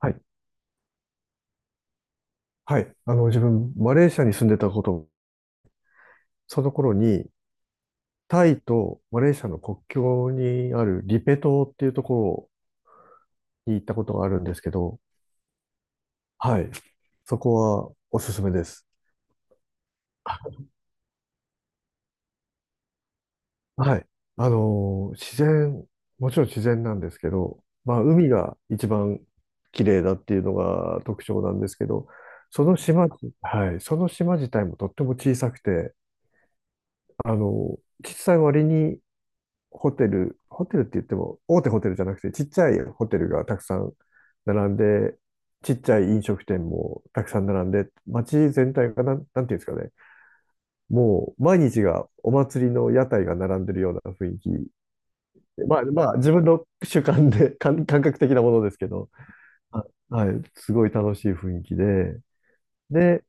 はい。はい。あの、自分、マレーシアに住んでたこと、その頃に、タイとマレーシアの国境にあるリペ島っていうところに行ったことがあるんですけど、はい。そこはおすすめです。はい。自然、もちろん自然なんですけど、まあ、海が一番綺麗だっていうのが特徴なんですけど、その島、はい。その島自体もとっても小さくて、あの、小さい割にホテルって言っても、大手ホテルじゃなくて、ちっちゃいホテルがたくさん並んで、ちっちゃい飲食店もたくさん並んで、街全体がなんていうんですかね、もう毎日がお祭りの屋台が並んでるような雰囲気。まあ、まあ、自分の主観で、感覚的なものですけど、あはい、すごい楽しい雰囲気で、で、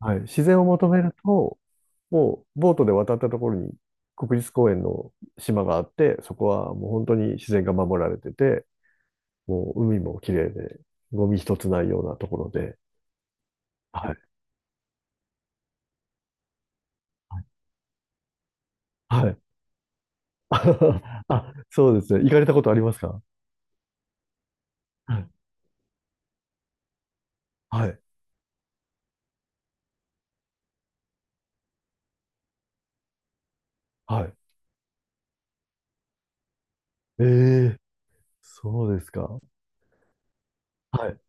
はい、自然を求めると、もうボートで渡ったところに国立公園の島があって、そこはもう本当に自然が守られてて、もう海も綺麗で、ゴミ一つないようなところで、はい。はい。あ、そうですね。行かれたことありますか？はい。はい。はい。ええ、そうですか。はい。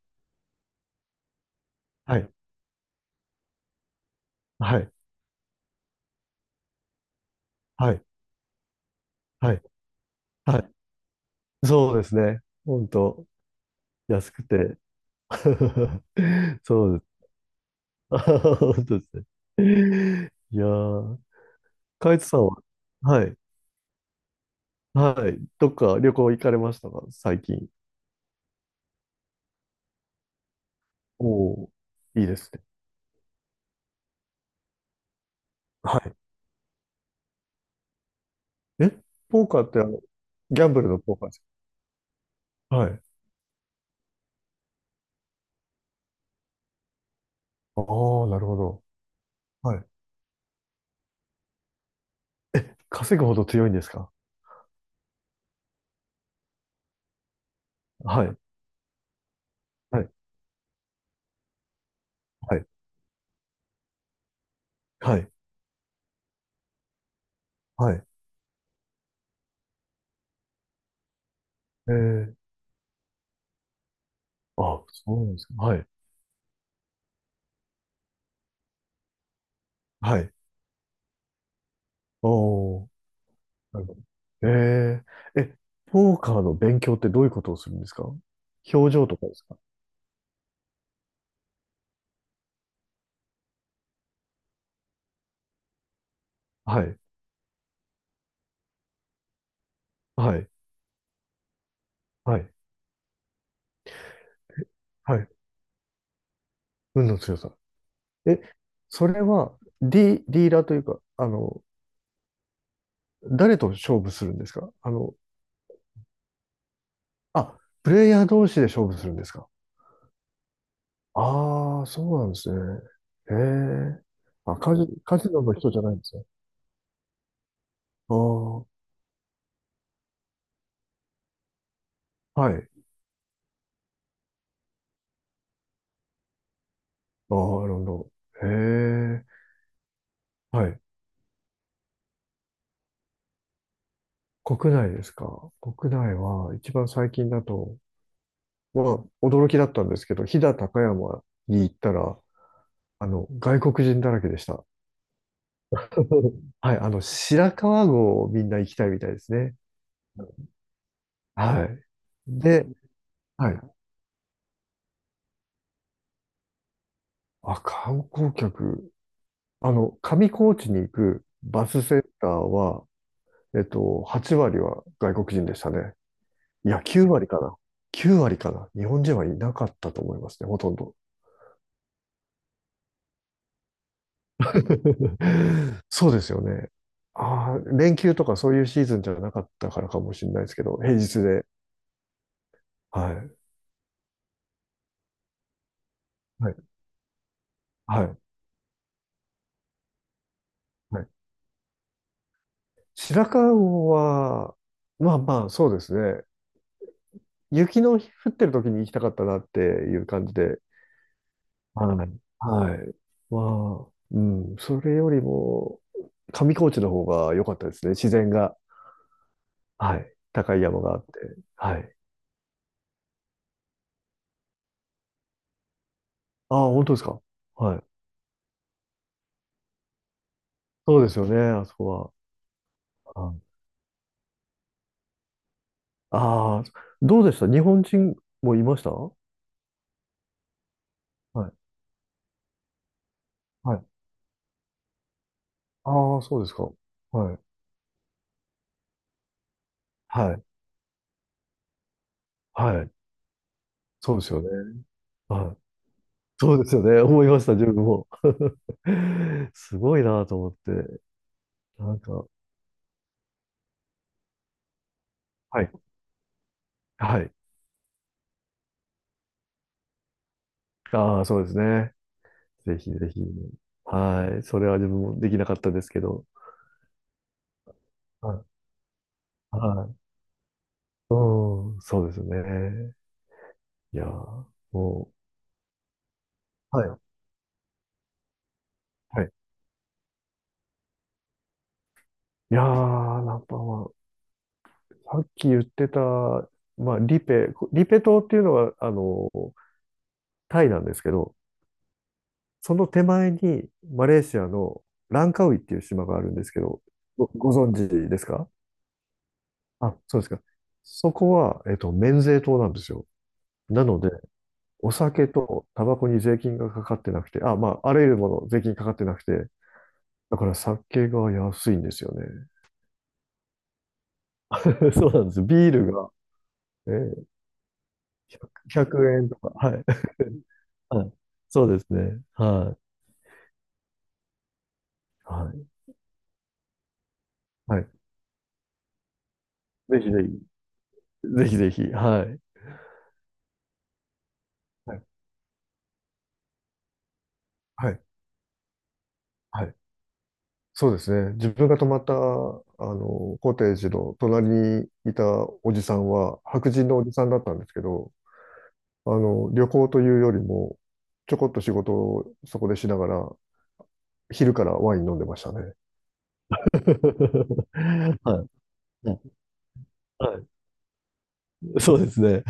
はい。はい。はい。はい。はい、そうですね。本当安くて。そうですね。あ、本当ですね。いやー、カイツさんは、はい、はい、どっか旅行行かれましたか、最近。おお、いいですね。はい。え、ポーカーってあの、ギャンブルのポーカーですか？はい。ああ、なるほど。はい。稼ぐほど強いんですか？はい、はい、はい、はい、はい。えー、あ、そうなんですか。はい、はい。おお、なるほど。えー、え、ポーカーの勉強ってどういうことをするんですか？表情とかですか？はい。はい。はい。はい。運の強さ。え、それは、リーダーというか、あの、誰と勝負するんですか？あの、あ、プレイヤー同士で勝負するんですか？ああー、そうなんですね。へえ。あ、カジノの人じゃないんですね。ああ、はい。ああ、なるほど。へえ。はい。国内ですか。国内は、一番最近だと、まあ、驚きだったんですけど、飛騨高山に行ったら、あの、外国人だらけでした。はい、あの、白川郷をみんな行きたいみたいですね。はい。で、はい。あ、観光客。あの、上高地に行くバスセンターは、えっと、8割は外国人でしたね。いや、9割かな。9割かな。日本人はいなかったと思いますね、ほとんど。そうですよね。ああ、連休とかそういうシーズンじゃなかったからかもしれないですけど、平日で。はい。はい。はい。はい、白川郷は、まあまあ、そうですね。雪の降ってる時に行きたかったなっていう感じで。はい。はい。まあ、うん。それよりも、上高地の方が良かったですね。自然が。はい。高い山があって。はい。ああ、本当ですか。はい。そうですよね、あそこは。はい、ああ、どうでした？日本人もいましたは？い。はい。ああ、そうですか。はい。はい。はい。そうですよね。はい、そうですよね。思いました、自分も。すごいなと思って。なんか、はい。はい。ああ、そうですね。ぜひぜひ。はい。それは自分もできなかったですけど。はい。はい。うん、そうですね。いやー、もう。はい。はい。いやー、ナンパは、さっき言ってた、まあ、リペ島っていうのは、あの、タイなんですけど、その手前にマレーシアのランカウイっていう島があるんですけど、ご存知ですか？あ、そうですか。そこは、えっと、免税島なんですよ。なので、お酒とタバコに税金がかかってなくて、あ、まあ、あらゆるもの税金かかってなくて、だから酒が安いんですよね。そうなんです、ビールが、えー、100円とか。はい。はい。そうですね。はい。はい。はい。ぜひぜひ。ぜひぜひ。はい。はい。はい。はい、そうですね。自分が泊まった、あの、コテージの隣にいたおじさんは、白人のおじさんだったんですけど、あの、旅行というよりも、ちょこっと仕事をそこでしながら、昼からワイン飲んでましたね。はい。はい。はい、そうですね。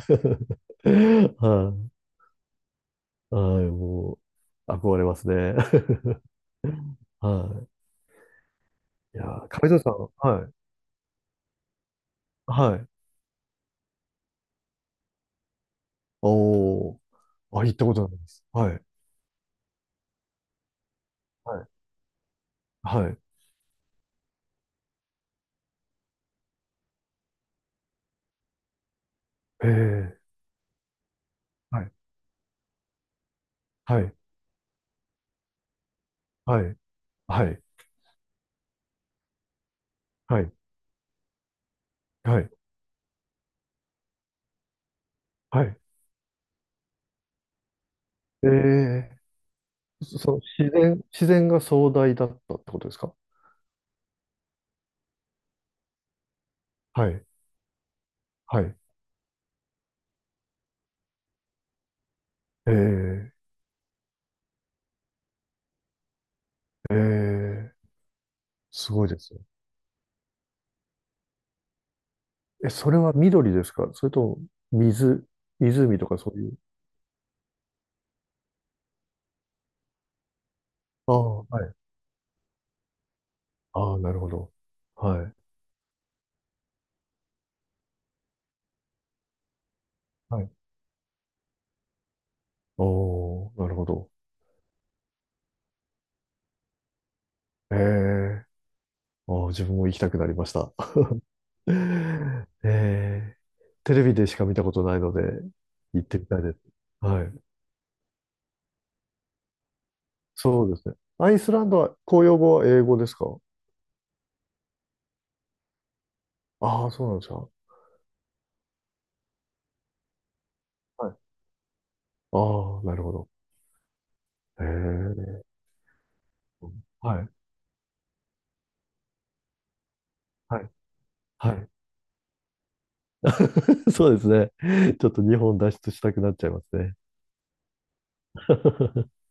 はい。はい。もう、憧れますね。はい。いやー、亀田さん、はい。はい。おー。あ、行ったことないです。はい。はい。はい。へえ。はい、はい、はい、はい、はい、はい、はい。ええ、そその自然、自然が壮大だったってことですか？はい、はい。ええ、ええ、すごいですね。え、それは緑ですか、それとも水、湖とかそういう。ああ、はい。ああ、なるほど。はい、はい。おー、なるほど。ええ、ああ、自分も行きたくなりました。ええ、テレビでしか見たことないので、行ってみたいです。はい。そうですね。アイスランドは公用語は英語ですか？ああ、そうなんですか。はい。ああ、なるほど。へえ。はい。はい。はい。そうですね。ちょっと日本脱出したくなっちゃいますね。